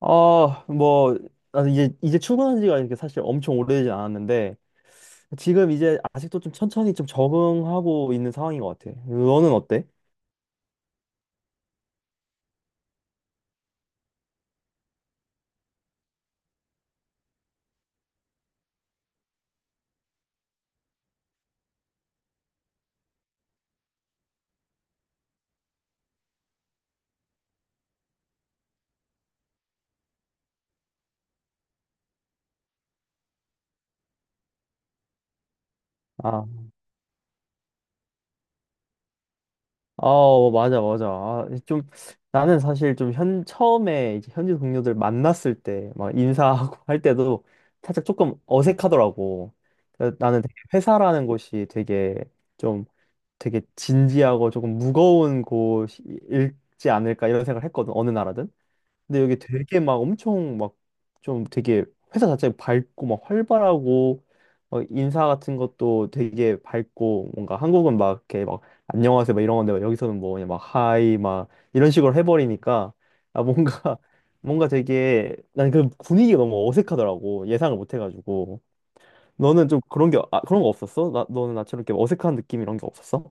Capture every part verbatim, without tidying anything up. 아, 뭐, 나는 이제, 이제 출근한 지가 이렇게 사실 엄청 오래되지 않았는데, 지금 이제 아직도 좀 천천히 좀 적응하고 있는 상황인 것 같아. 너는 어때? 아, 아, 어, 맞아, 맞아. 아, 좀, 나는 사실 좀 현, 처음에 이제 현지 동료들 만났을 때, 막 인사하고 할 때도 살짝 조금 어색하더라고. 그래서 나는 되게 회사라는 곳이 되게 좀 되게 진지하고 조금 무거운 곳이지 않을까 이런 생각을 했거든, 어느 나라든. 근데 여기 되게 막 엄청 막 좀 되게 회사 자체 밝고 막 활발하고 막 인사 같은 것도 되게 밝고, 뭔가 한국은 막 이렇게 막 안녕하세요 막 이런 건데, 막 여기서는 뭐 그냥 막 하이 막 이런 식으로 해버리니까, 아 뭔가 뭔가 되게 난 그 분위기가 너무 어색하더라고, 예상을 못 해가지고. 너는 좀 그런 게, 아, 그런 거 없었어? 나, 너는 나처럼 이렇게 어색한 느낌 이런 게 없었어?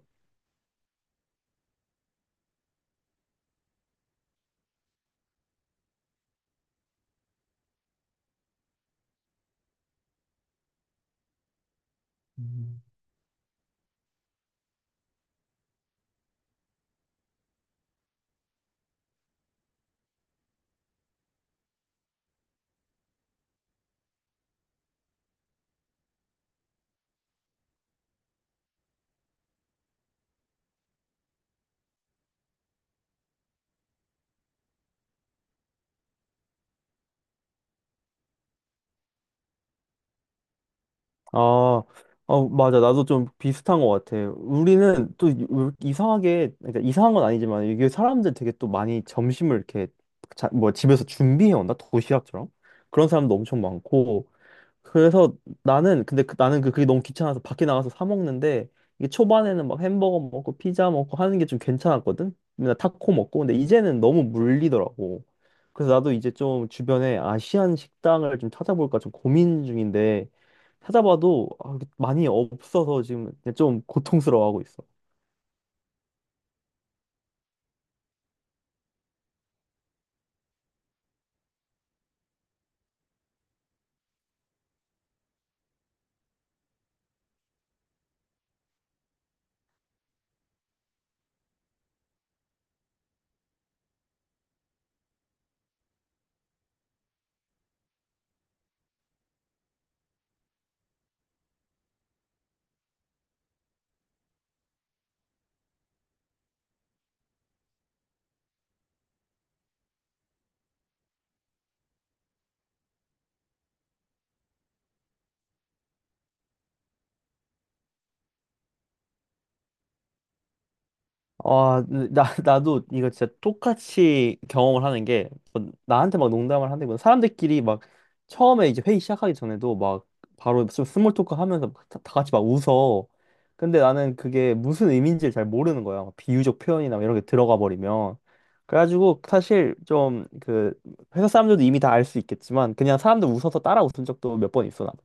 음. 아, 어, 맞아. 나도 좀 비슷한 것 같아. 우리는 또 이- 왜 이렇게 이상하게, 그러니까 이상한 건 아니지만, 이게 사람들 되게 또 많이 점심을 이렇게, 자, 뭐 집에서 준비해 온다? 도시락처럼? 그런 사람도 엄청 많고, 그래서 나는 근데 그- 나는 그- 그게 너무 귀찮아서 밖에 나가서 사 먹는데, 이게 초반에는 막 햄버거 먹고 피자 먹고 하는 게 좀 괜찮았거든. 맨날 타코 먹고, 근데 이제는 너무 물리더라고. 그래서 나도 이제 좀 주변에 아시안 식당을 좀 찾아볼까 좀 고민 중인데, 찾아봐도 아, 많이 없어서 지금 좀 고통스러워하고 있어. 아, 나, 나도 이거 진짜 똑같이 경험을 하는 게, 뭐 나한테 막 농담을 하는 건 사람들끼리 막 처음에 이제 회의 시작하기 전에도 막 바로 좀 스몰 토크 하면서 막 다, 다 같이 막 웃어. 근데 나는 그게 무슨 의미인지를 잘 모르는 거야. 막 비유적 표현이나 막 이런 게 들어가 버리면. 그래가지고 사실 좀 그 회사 사람들도 이미 다 알 수 있겠지만, 그냥 사람들 웃어서 따라 웃은 적도 몇 번 있어, 나도.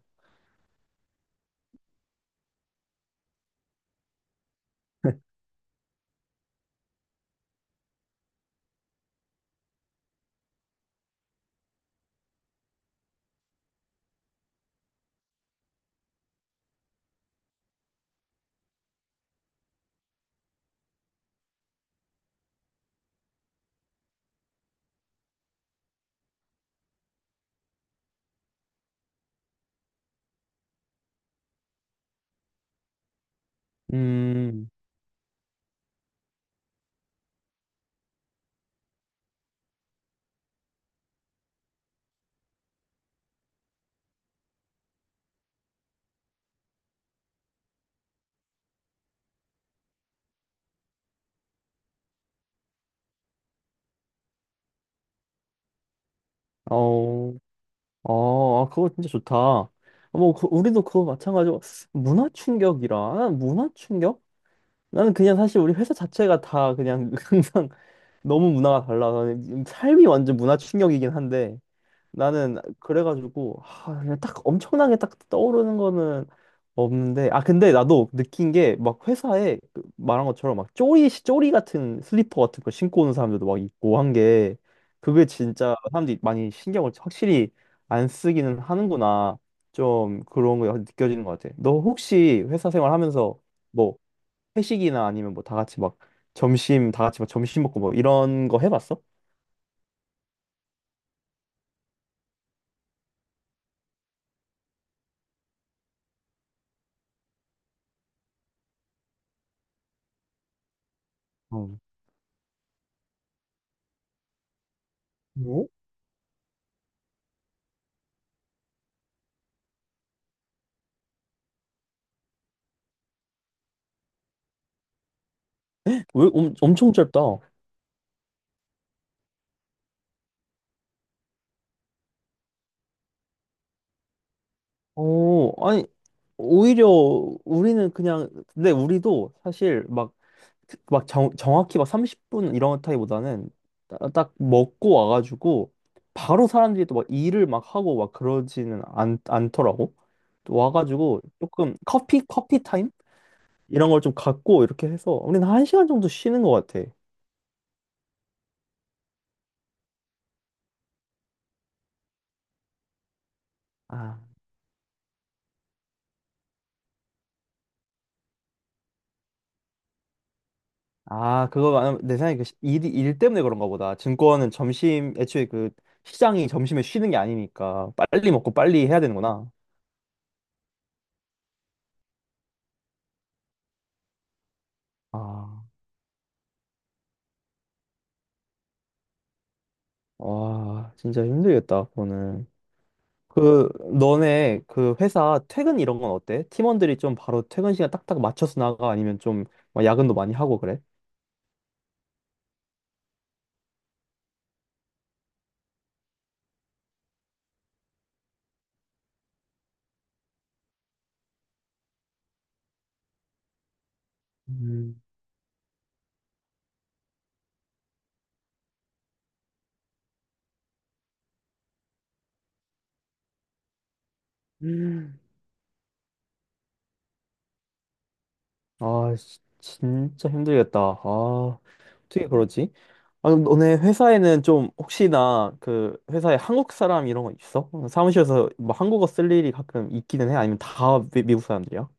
음, 어, 어, 아, 그거 진짜 좋다. 어, 뭐, 그- 우리도 그거 마찬가지고, 문화 충격이라. 아, 문화 충격? 나는 그냥 사실 우리 회사 자체가 다 그냥 항상 너무 문화가 달라서 삶이 완전 문화 충격이긴 한데, 나는 그래가지고 하, 그냥 딱 엄청나게 딱 떠오르는 거는 없는데, 아 근데 나도 느낀 게 막 회사에 그 말한 것처럼 막 쪼리 쪼리 같은 슬리퍼 같은 거 신고 오는 사람들도 막 있고 한 게, 그게 진짜 사람들이 많이 신경을 확실히 안 쓰기는 하는구나, 좀 그런 거 느껴지는 것 같아. 너 혹시 회사 생활하면서 뭐 회식이나 아니면 뭐 다 같이 막 점심 다 같이 막 점심 먹고 뭐 이런 거 해봤어? 어. 뭐? 왜 엄, 엄청 짧다. 오, 아니, 오히려 우리는 그냥, 근데 우리도 사실 막, 막 정, 정확히 막 삼십 분 이런 타입보다는 따- 딱 먹고 와가지고 바로 사람들이 또 막 일을 막 하고 막 그러지는 않, 않더라고. 또 와가지고 조금 커피, 커피 타임? 이런 걸 좀 갖고 이렇게 해서 우리는 한 시간 정도 쉬는 것 같아. 아, 그거 아마 내 생각에 그 시- 일, 일 때문에 그런가 보다. 증권은 점심, 애초에 그 시장이 점심에 쉬는 게 아니니까 빨리 먹고 빨리 해야 되는구나. 아, 와, 진짜 힘들겠다, 그거는. 그, 너네 그 회사 퇴근 이런 건 어때? 팀원들이 좀 바로 퇴근 시간 딱딱 맞춰서 나가? 아니면 좀막 야근도 많이 하고 그래? 음. 음. 아, 시- 진짜 힘들겠다. 아, 어떻게 그러지? 아, 너네 회사에는 좀 혹시나 그 회사에 한국 사람 이런 거 있어? 어, 사무실에서 뭐 한국어 쓸 일이 가끔 있기는 해? 아니면 다 미, 미국 사람들이야?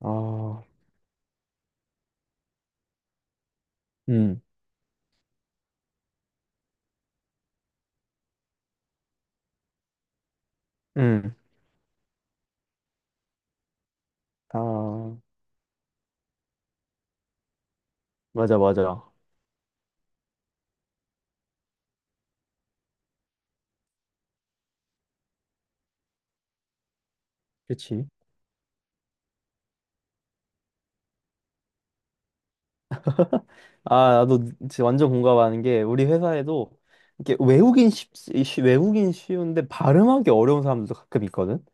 아, 음, 음, 아, 맞아, 맞아. 그렇지. 아, 나도 진짜 완전 공감하는 게 우리 회사에도 이렇게 외국인 쉽, 쉬- 외국인 쉬운데 발음하기 어려운 사람들도 가끔 있거든.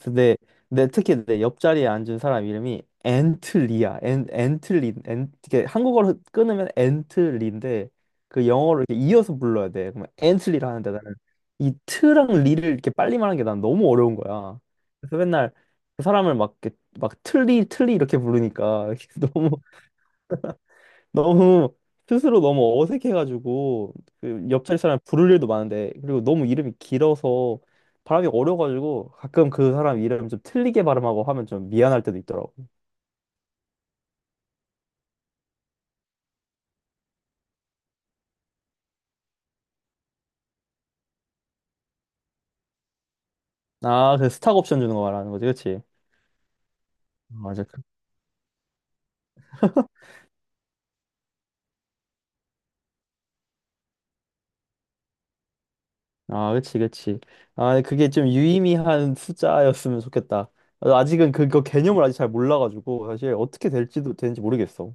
근데 내, 특히 내 옆자리에 앉은 사람 이름이 앤틀리야. 앤 앤틀리 앤, 이게 한국어로 끊으면 앤틀리인데, 그 영어로 이렇게 이어서 불러야 돼. 그러면 앤틀리라 하는데, 나는 이 트랑 리를 이렇게 빨리 말하는 게 난 너무 어려운 거야. 그래서 맨날 그 사람을 막 이렇게 막 틀리 틀리 이렇게 부르니까 너무 너무 스스로 너무 어색해가지고, 그 옆자리 사람 부를 일도 많은데 그리고 너무 이름이 길어서 발음이 어려가지고, 가끔 그 사람 이름 좀 틀리게 발음하고 하면 좀 미안할 때도 있더라고. 아, 그 스탁 옵션 주는 거 말하는 거지, 그치? 맞아. 그- 아, 그치, 그치. 아, 그게 좀 유의미한 숫자였으면 좋겠다. 아직은 그거 개념을 아직 잘 몰라가지고 사실 어떻게 될지도 되는지 모르겠어.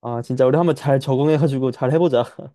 아, 진짜 우리 한번 잘 적응해가지고 잘 해보자.